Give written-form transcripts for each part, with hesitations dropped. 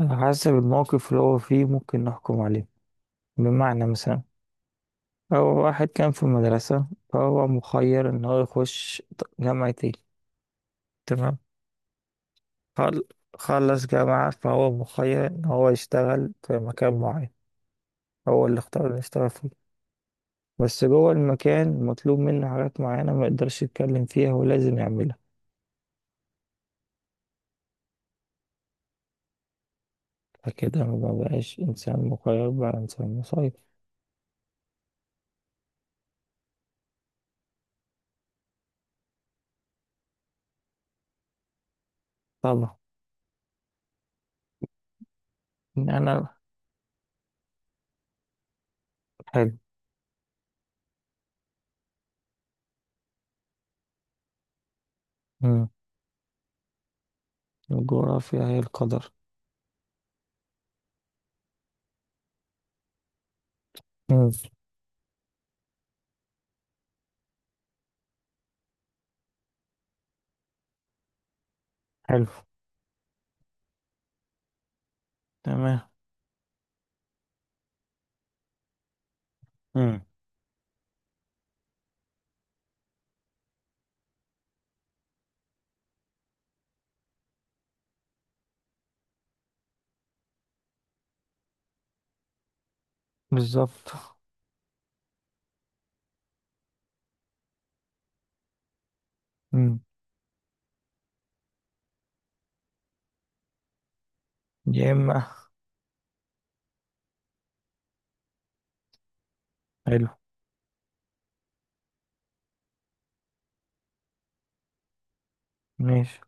على حسب الموقف اللي هو فيه ممكن نحكم عليه، بمعنى مثلا. لو واحد كان في المدرسة فهو مخير إن هو يخش جامعة ايه. تمام. خل... خلص جامعة فهو مخير إن هو يشتغل في مكان معين. هو اللي اختار إنه يشتغل فيه. بس جوه المكان مطلوب منه حاجات معينة ما يقدرش يتكلم فيها ولازم يعملها. فكده ما بقاش إنسان مخير، بقى إنسان مسير. طبعا. إن أنا. حلو. مم. الجغرافيا هي القدر. مم. حلو. تمام. امم. بالظبط. مم. يا اما. حلو. ماشي.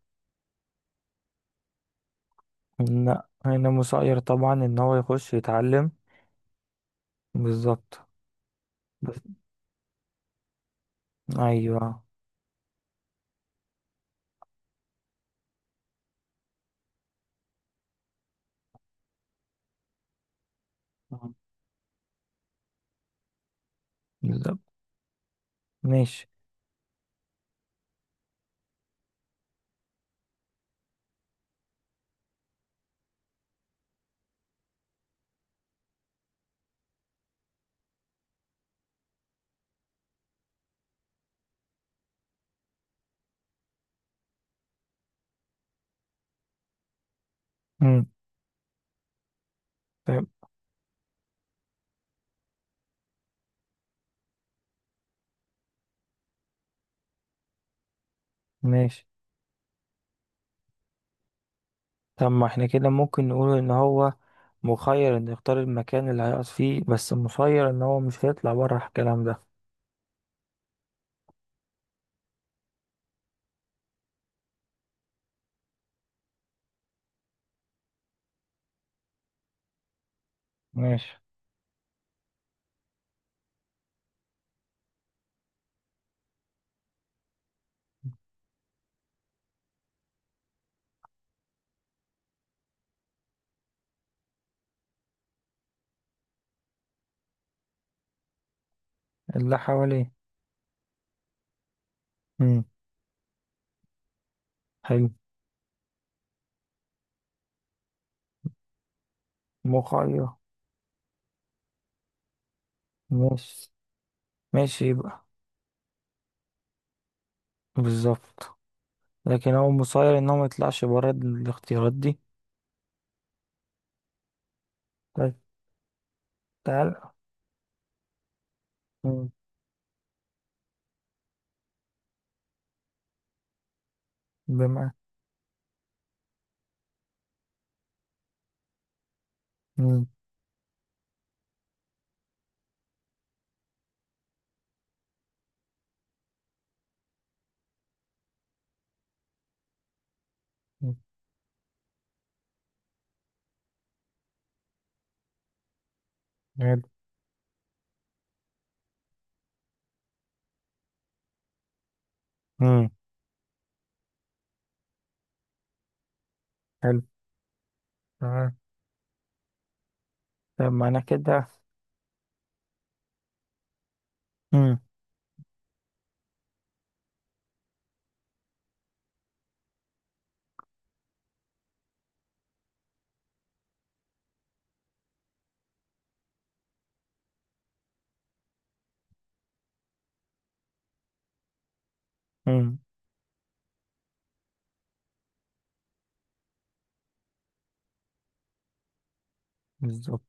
لا، هنا مسير طبعا ان هو يخش يتعلم. بالظبط. بس. ايوه. بالظبط. ماشي. مم. طيب، ماشي. طب ما احنا كده ممكن نقول ان هو مخير ان يختار المكان اللي هيقعد فيه، بس مسير ان هو مش هيطلع بره الكلام ده. ماشي. اللي حواليه. مم. حلو. مخير. ماشي. ماشي يبقى. بالظبط. لكن هو مسير ان هو ما يطلعش بره الاختيارات دي. طيب. تعال. مم. بما. مم. مم. حلو. امم. حلو. تمام. طب ما انا كده. امم. امم. بالظبط.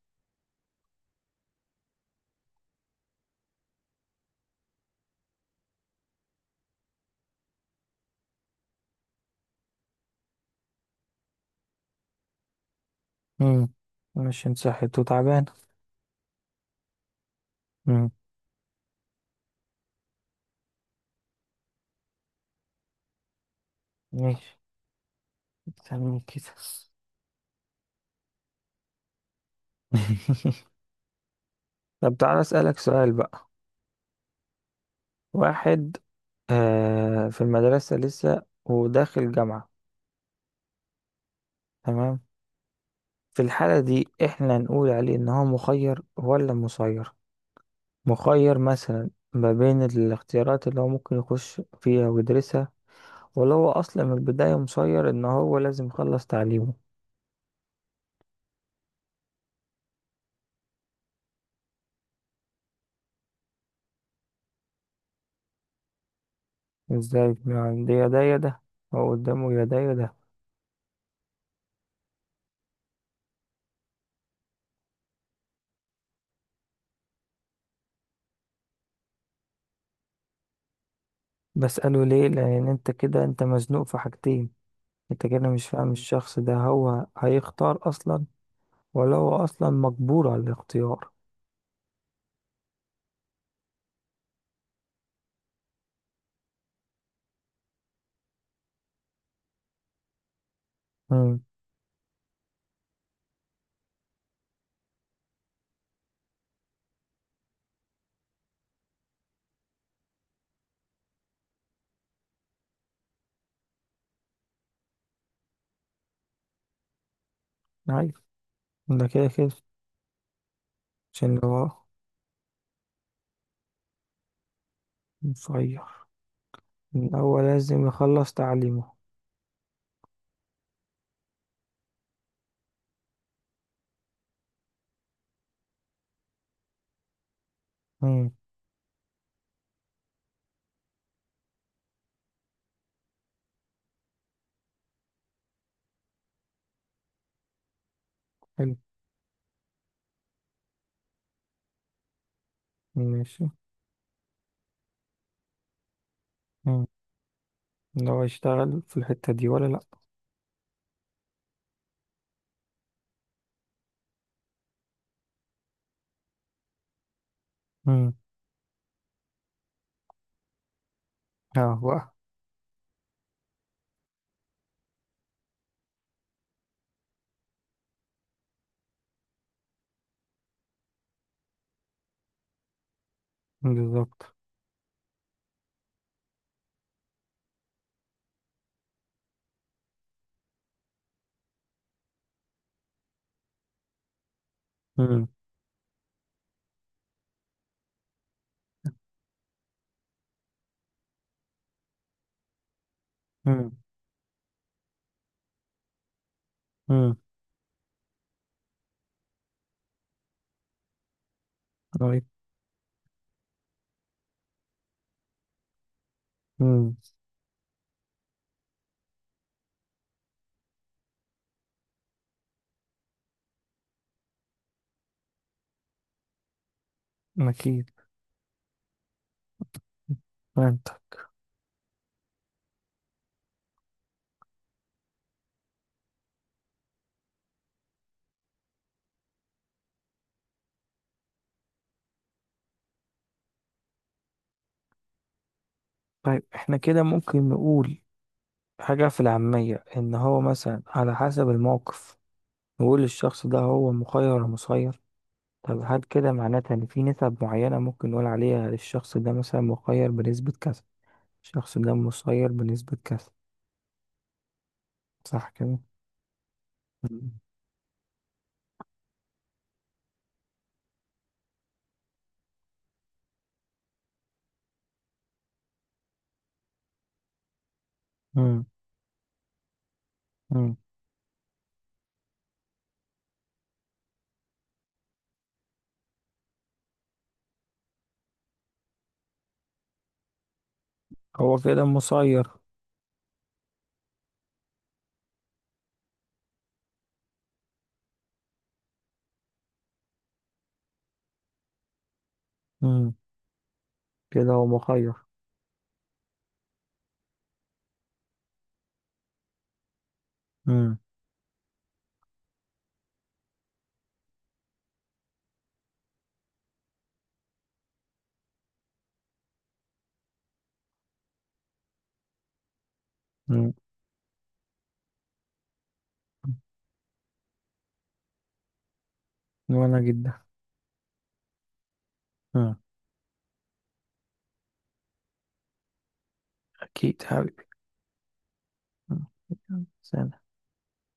مم. مش انت صحيت وتعبان. امم. ماشي. استني كده. طب تعالى اسالك سؤال بقى. واحد في المدرسة لسه وداخل جامعة. تمام. في الحالة دي احنا نقول عليه ان هو مخير ولا مسير؟ مخير مثلا ما بين الاختيارات اللي هو ممكن يخش فيها ويدرسها، ولا هو أصلا من البداية مسير إن هو لازم يخلص تعليمه؟ إزاي يعني؟ ده يا ده يا ده. هو قدامه يا ده يا ده. بسأله ليه لأن أنت كده أنت مزنوق في حاجتين. أنت كده مش فاهم الشخص ده هو هيختار أصلا، ولا هو أصلا مجبور على الاختيار. امم. عارف. ده كده كده. عشان هو. مسير. إن هو لازم يخلص تعليمه. امم. حلو. ماشي. لو هيشتغل في الحتة دي ولا لأ؟ مم. اه بقى. بالظبط. مم. مم. مم. طيب. مم. أكيد. فهمت. طيب احنا كده ممكن نقول حاجة في العامية إن هو مثلا على حسب الموقف. نقول الشخص ده هو مخير ولا مسير. طب هل كده معناتها إن في نسب معينة ممكن نقول عليها الشخص ده مثلا مخير بنسبة كذا؟ الشخص ده مسير بنسبة كذا. صح كده؟ مم. مم. مم. هو كده مسير. كده هو مخير. مم. مم. وأنا جدا. مم. أكيد حبيبي. مم. سلام.